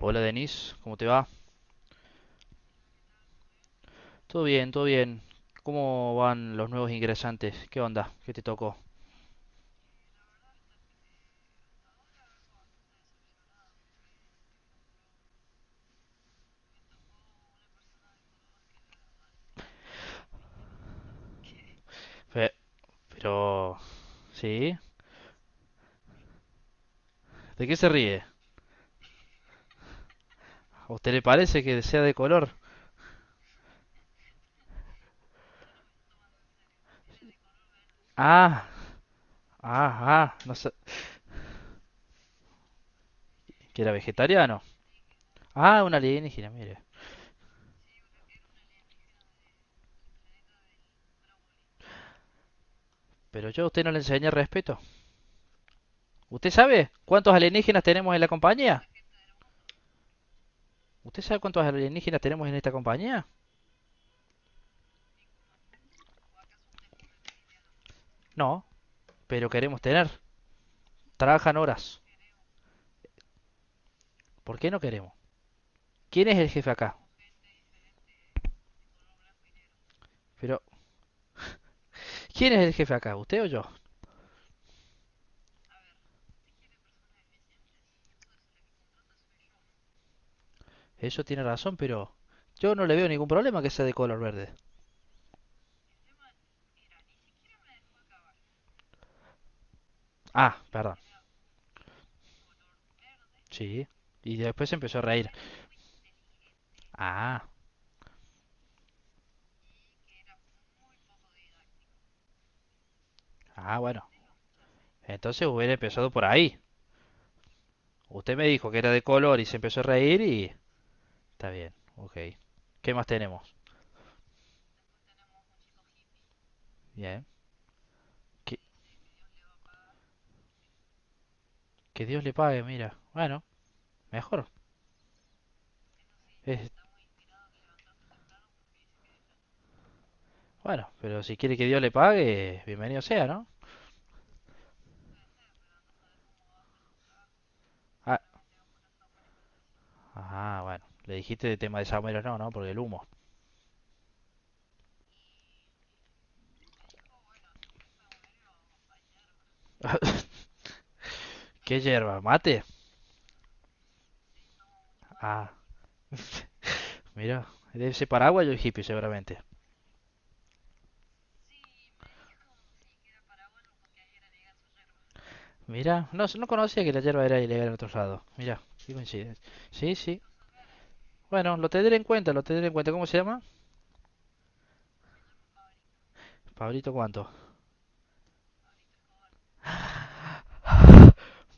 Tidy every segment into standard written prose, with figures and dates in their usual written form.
Hola, Denis, ¿cómo te va? Todo bien, todo bien. ¿Cómo van los nuevos ingresantes? ¿Qué onda? ¿Qué te tocó? Fe- pero, ¿sí? ¿De qué se ríe? ¿A usted le parece que sea de color? Ah, ah, ah, no sé, que era vegetariano. Ah, un alienígena, mire. Pero yo a usted no le enseñé respeto. ¿Usted sabe cuántos alienígenas tenemos en la compañía? ¿Usted sabe cuántos alienígenas tenemos en esta compañía? No, pero queremos tener. Trabajan horas. ¿Por qué no queremos? ¿Quién es el jefe acá? Pero ¿quién es el jefe acá? ¿Usted o yo? Eso tiene razón, pero yo no le veo ningún problema que sea de color verde. Ah, perdón. Sí. Y después empezó a reír. Ah, ah, bueno. Entonces hubiera empezado por ahí. Usted me dijo que era de color y se empezó a reír y... Está bien, ok. ¿Qué más tenemos? Bien. Que, que Dios le pague, mira. Bueno, mejor. Es- Bueno, pero si quiere que Dios le pague, bienvenido sea, ¿no? Ah, ah, bueno. Le dijiste de tema de Samuel, no, no, por el humo. ¿Qué hierba? ¿Mate? Ah, mira, debe ser paraguayo y hippie seguramente. Mira, no, no conocía que la hierba era ilegal en otros lados. Mira, qué coincidencia. Sí, sí. Bueno, lo tendré en cuenta, lo tendré en cuenta. ¿Cómo se llama? Pablito cuánto.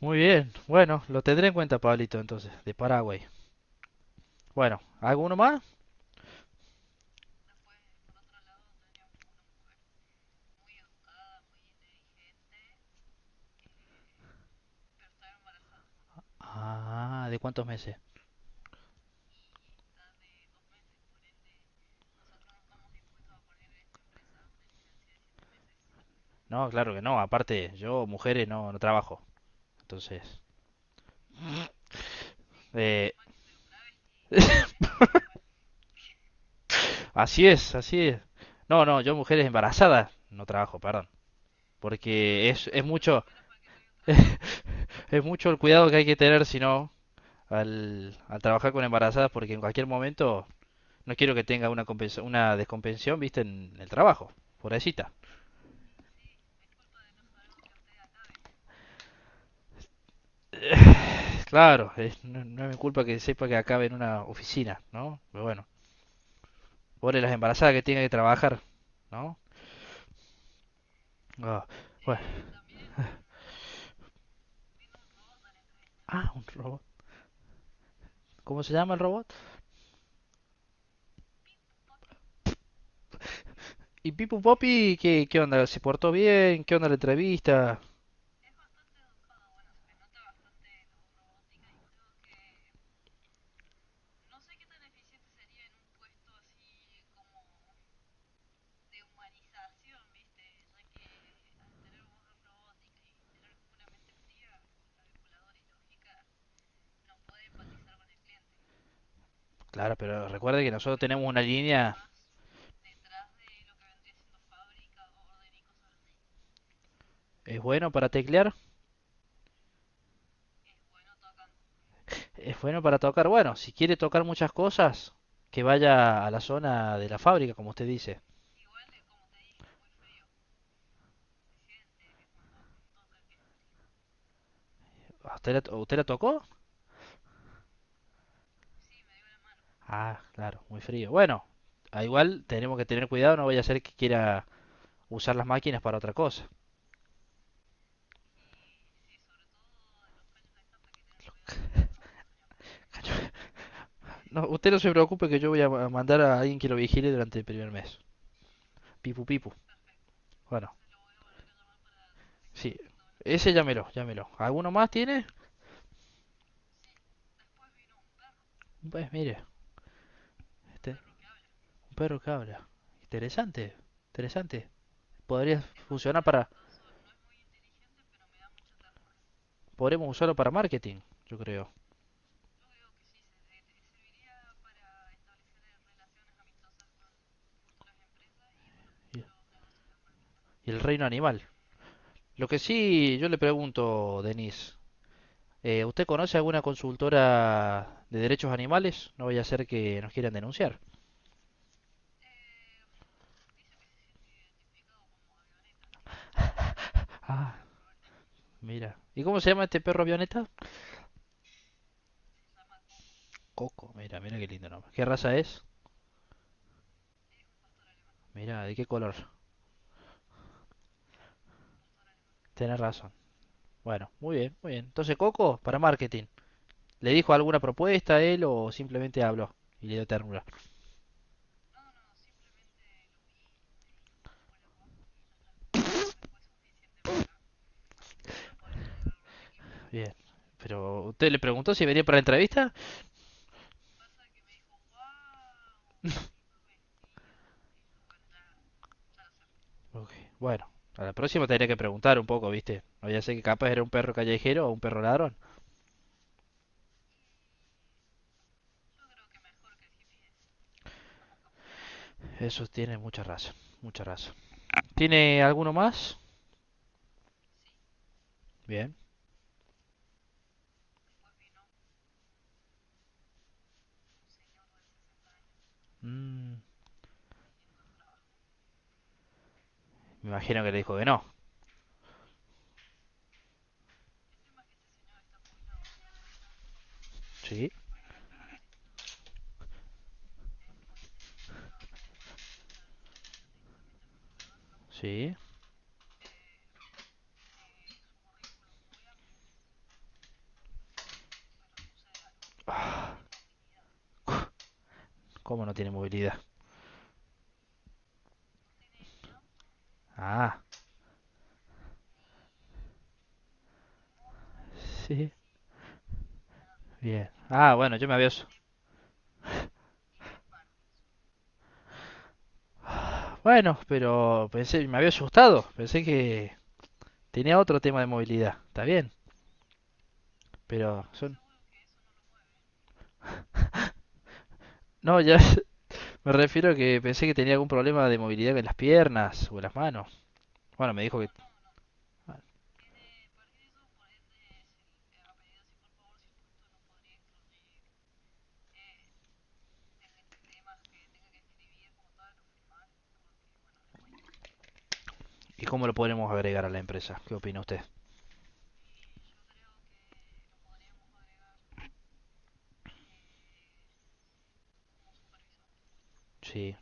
Muy bien, bueno, lo tendré en cuenta, Pablito, entonces, de Paraguay. Bueno, ¿hago uno más? Ah, ¿de cuántos meses? No, claro que no, aparte, yo, mujeres, no, no trabajo. Entonces, eh, así es, así es. No, no, yo, mujeres embarazadas, no trabajo, perdón. Porque es mucho. Es mucho el cuidado que hay que tener, si no, al trabajar con embarazadas, porque en cualquier momento no quiero que tenga una, una descompensación, viste, en el trabajo, pobrecita. Claro, no, no es mi culpa que sepa que acabe en una oficina, ¿no? Pero bueno, pobre las embarazadas que tengan que trabajar, ¿no? Ah, bueno. Ah, un robot. ¿Cómo se llama el robot? ¿Y Pipu Popi qué, qué onda? ¿Se portó bien? ¿Qué onda la entrevista? Claro, pero recuerde que nosotros tenemos una línea, es bueno para teclear. Es bueno para tocar. Bueno, si quiere tocar muchas cosas, que vaya a la zona de la fábrica, como usted dice. ¿A ¿usted la, usted la tocó? Ah, claro, muy frío. Bueno, a igual tenemos que tener cuidado, no vaya a ser que quiera usar las máquinas para otra cosa. No, usted no se preocupe que yo voy a mandar a alguien que lo vigile durante el primer mes. Pipu pipu. Bueno, sí. Ese llámelo, llámelo. ¿Alguno más tiene? Pues mire, este, un perro que habla. Interesante, interesante. Podría funcionar para podremos usarlo para marketing, yo creo. Y el reino animal. Lo que sí, yo le pregunto, Denise, ¿usted conoce alguna consultora de derechos animales? No vaya a ser que nos quieran denunciar. Ah, mira. ¿Y cómo se llama este perro avioneta? Coco, mira, mira qué lindo nombre. ¿Qué raza es? Mira, ¿de qué color? Tenés razón. Bueno, muy bien, muy bien. Entonces, Coco, para marketing. ¿Le dijo alguna propuesta a él o simplemente habló y le dio ternura? Bien. Pero, ¿usted le preguntó si venía para la entrevista? Ok, bueno, a la próxima tendría que preguntar un poco, ¿viste? No, ya sé que capaz era un perro callejero o un perro ladrón. Eso tiene mucha razón, mucha razón. ¿Tiene alguno más? Bien. Mm, me imagino que le dijo que no. Sí, sí. ¿Cómo no tiene movilidad? Ah, sí. Bien. Ah, bueno, yo me había... Bueno, pero pensé, me había asustado. Pensé que tenía otro tema de movilidad. Está bien, pero son... No, ya me refiero a que pensé que tenía algún problema de movilidad en las piernas o en las manos. Bueno, me dijo que ¿y cómo lo podremos agregar a la empresa? ¿Qué opina usted? Sí,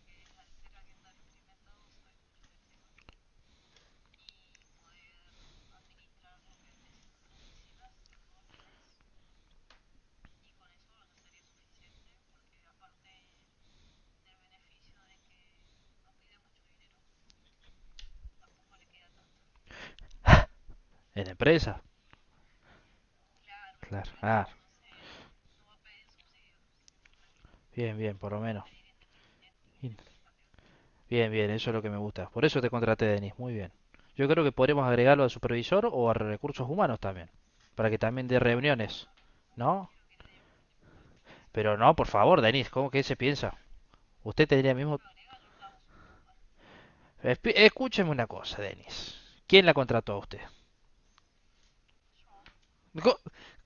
en la empresa. Claro. Ah, bien, bien, por lo menos. Bien, bien, eso es lo que me gusta. Por eso te contraté, Denis. Muy bien. Yo creo que podremos agregarlo al supervisor o a recursos humanos también. Para que también dé reuniones. ¿No? Pero no, por favor, Denis. ¿Cómo que se piensa? Usted tendría mismo... Escúcheme una cosa, Denis. ¿Quién la contrató a usted?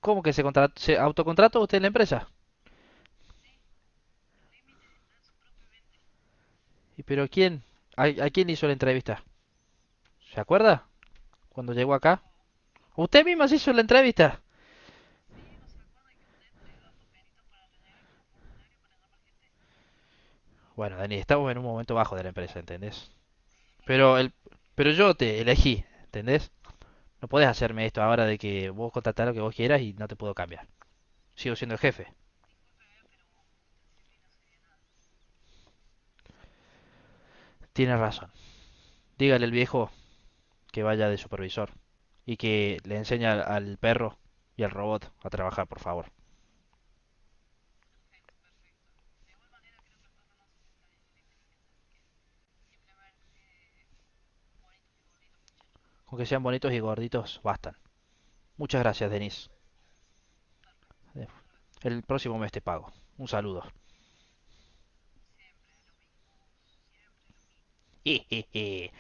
¿Cómo que se autocontrató usted en la empresa? ¿Y pero quién? A quién hizo la entrevista? ¿Se acuerda? Cuando llegó acá. Usted mismo se hizo la entrevista. Bueno, Dani, estamos en un momento bajo de la empresa, ¿entendés? Pero el, pero yo te elegí, ¿entendés? No podés hacerme esto ahora de que vos contratás lo que vos quieras y no te puedo cambiar. Sigo siendo el jefe. Tienes razón. Dígale al viejo que vaya de supervisor y que le enseñe al perro y al robot a trabajar, por favor. Con que sean bonitos y gorditos, bastan. Muchas gracias, Denis. El próximo mes te pago. Un saludo.